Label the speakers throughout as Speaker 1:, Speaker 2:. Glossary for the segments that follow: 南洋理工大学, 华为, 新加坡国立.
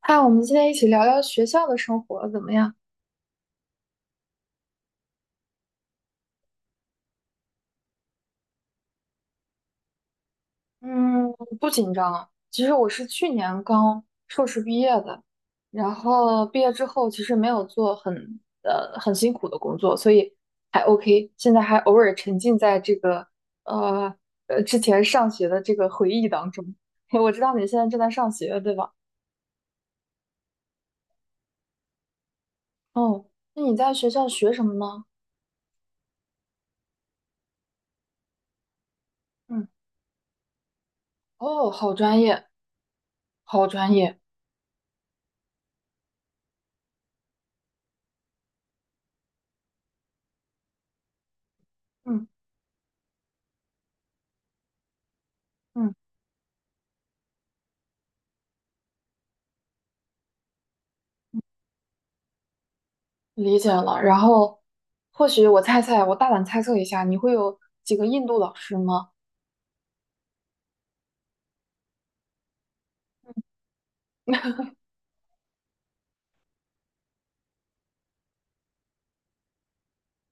Speaker 1: 嗨，我们今天一起聊聊学校的生活怎么样？嗯，不紧张啊。其实我是去年刚硕士毕业的，然后毕业之后其实没有做很辛苦的工作，所以还 OK。现在还偶尔沉浸在呃之前上学的这个回忆当中。我知道你现在正在上学，对吧？哦，那你在学校学什么呢？嗯，哦，好专业，好专业。嗯嗯，理解了。然后，或许我猜猜，我大胆猜测一下，你会有几个印度老师吗？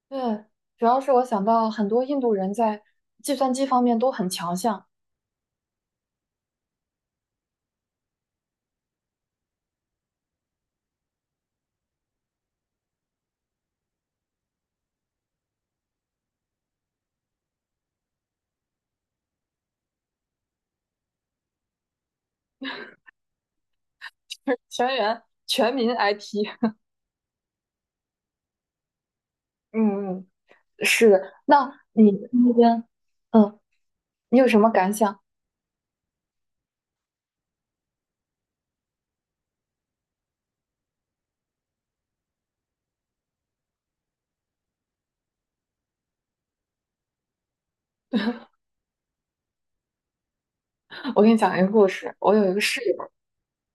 Speaker 1: 对，主要是我想到很多印度人在计算机方面都很强项。全员全民 IT。嗯嗯，是的。那你那边，嗯，你有什么感想？我给你讲一个故事。我有一个室友，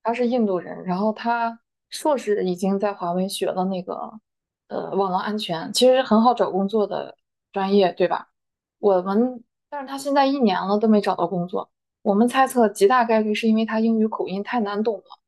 Speaker 1: 他是印度人，然后他硕士已经在华为学了那个网络安全，其实很好找工作的专业，对吧？我们，但是他现在一年了都没找到工作，我们猜测极大概率是因为他英语口音太难懂了。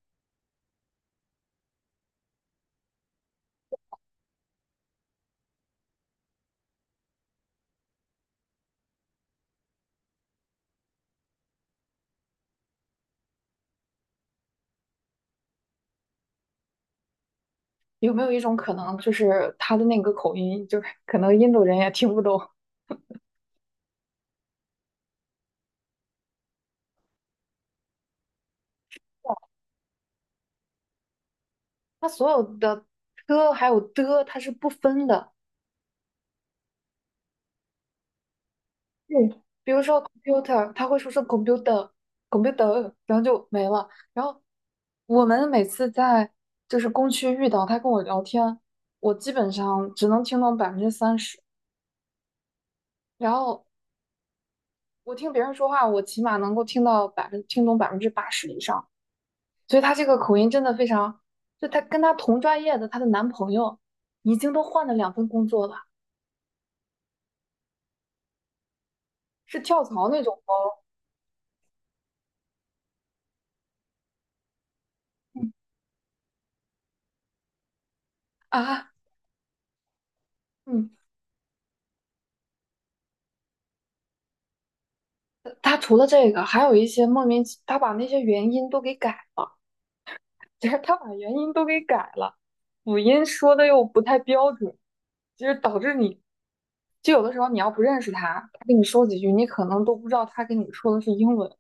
Speaker 1: 有没有一种可能，就是他的那个口音，就是可能印度人也听不懂？他所有的 t 还有的，他是不分的。嗯，比如说 computer,他会说是 computer，computer，然后就没了。然后我们每次在就是工区遇到他跟我聊天，我基本上只能听懂30%，然后我听别人说话，我起码能够听懂80%以上。所以他这个口音真的非常，就他跟他同专业的她的男朋友已经都换了2份工作了，是跳槽那种哦。嗯啊，嗯。他除了这个，还有一些莫名其，他把那些元音都给改，就是他把元音都给改了，辅音说的又不太标准，就是导致你，就有的时候你要不认识他，他跟你说几句，你可能都不知道他跟你说的是英文。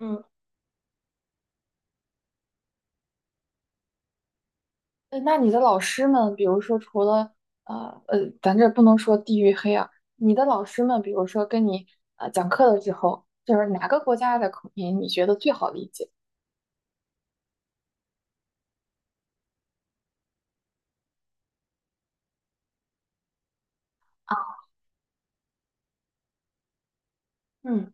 Speaker 1: 嗯，那你的老师们，比如说除了咱这不能说地域黑啊，你的老师们，比如说跟你讲课的时候，就是哪个国家的口音你觉得最好理解？嗯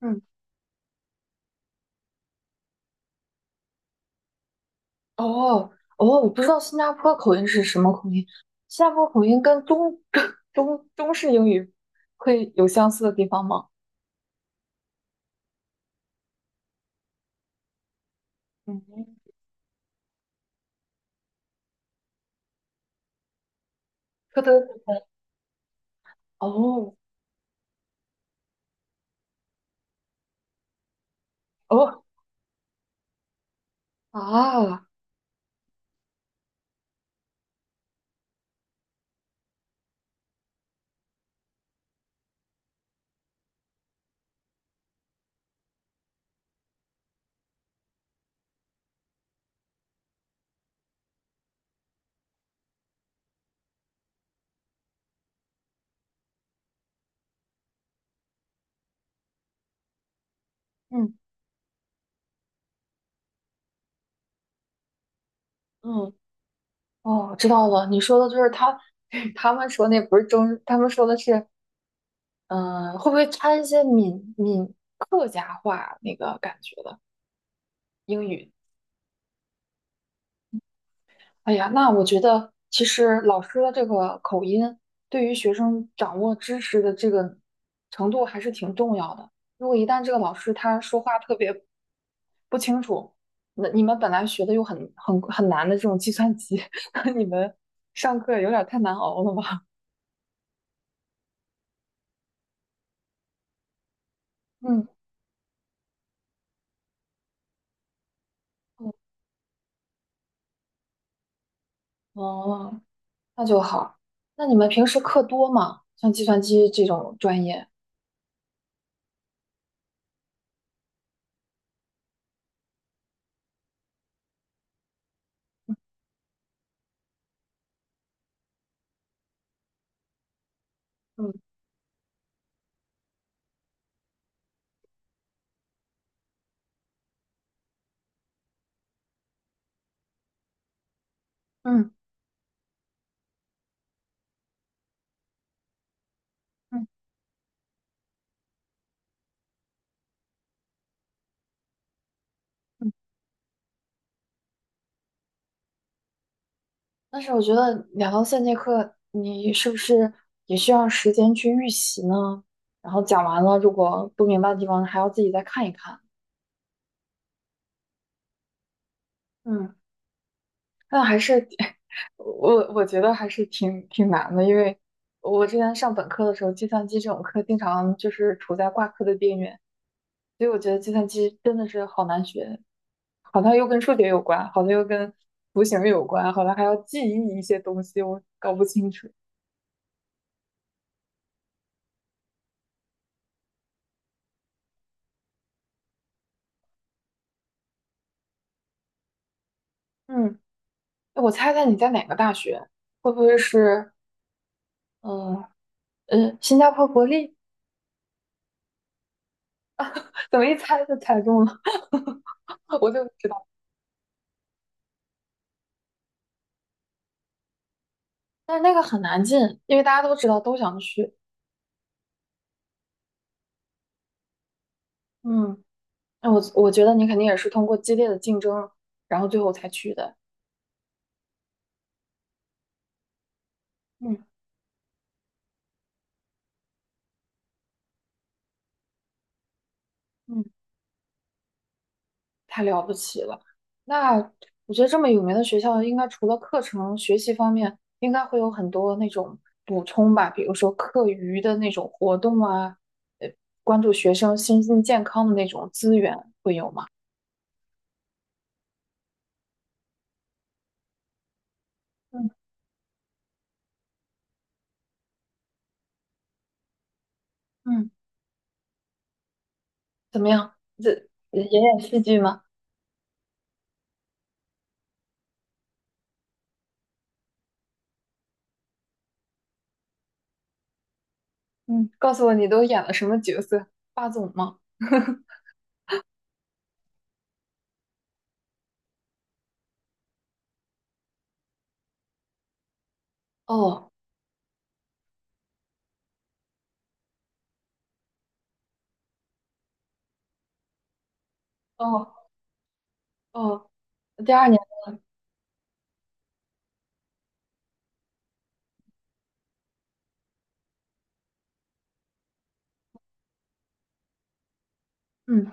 Speaker 1: 嗯。哦哦，我不知道新加坡口音是什么口音。新加坡口音跟中式英语会有相似的地方吗？嗯，特特哦哦啊，嗯嗯，哦，知道了。你说的就是他们说那不是中，他们说的是会不会掺一些客家话那个感觉的英语？哎呀，那我觉得其实老师的这个口音对于学生掌握知识的这个程度还是挺重要的。如果一旦这个老师他说话特别不清楚，那你们本来学的又很难的这种计算机，那你们上课有点太难熬了吧？嗯，嗯，哦，那就好。那你们平时课多吗？像计算机这种专业？嗯嗯嗯嗯。但是我觉得2到3节课，你是不是也需要时间去预习呢？然后讲完了，如果不明白的地方，还要自己再看一看。嗯，那还是 我觉得还是挺难的，因为我之前上本科的时候，计算机这种课经常就是处在挂科的边缘，所以我觉得计算机真的是好难学，好像又跟数学有关，好像又跟图形有关，好像还要记忆一些东西，我搞不清楚。嗯。我猜猜你在哪个大学？会不会是嗯新加坡国立？怎么一猜就猜中了？我就知道，但是那个很难进，因为大家都知道都想去。嗯，那我觉得你肯定也是通过激烈的竞争，然后最后才去的。嗯嗯。太了不起了。那我觉得这么有名的学校，应该除了课程学习方面，应该会有很多那种补充吧，比如说课余的那种活动啊，呃，关注学生身心健康的那种资源会有吗？嗯嗯，怎么样？这演演戏剧吗？嗯，告诉我你都演了什么角色？霸总吗？哦哦哦，第二年，嗯。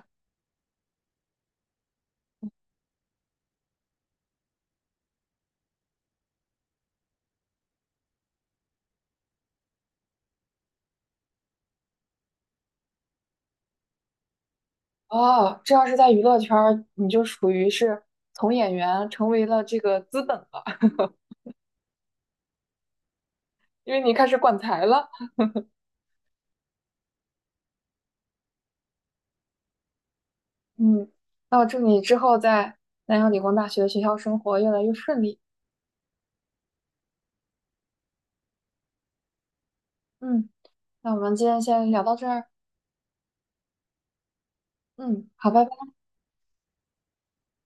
Speaker 1: 哦，这要是在娱乐圈儿，你就属于是从演员成为了这个资本了，因为你开始管财了。嗯，那我祝你之后在南洋理工大学的学校生活越来越顺利。嗯，那我们今天先聊到这儿。嗯，好，拜拜。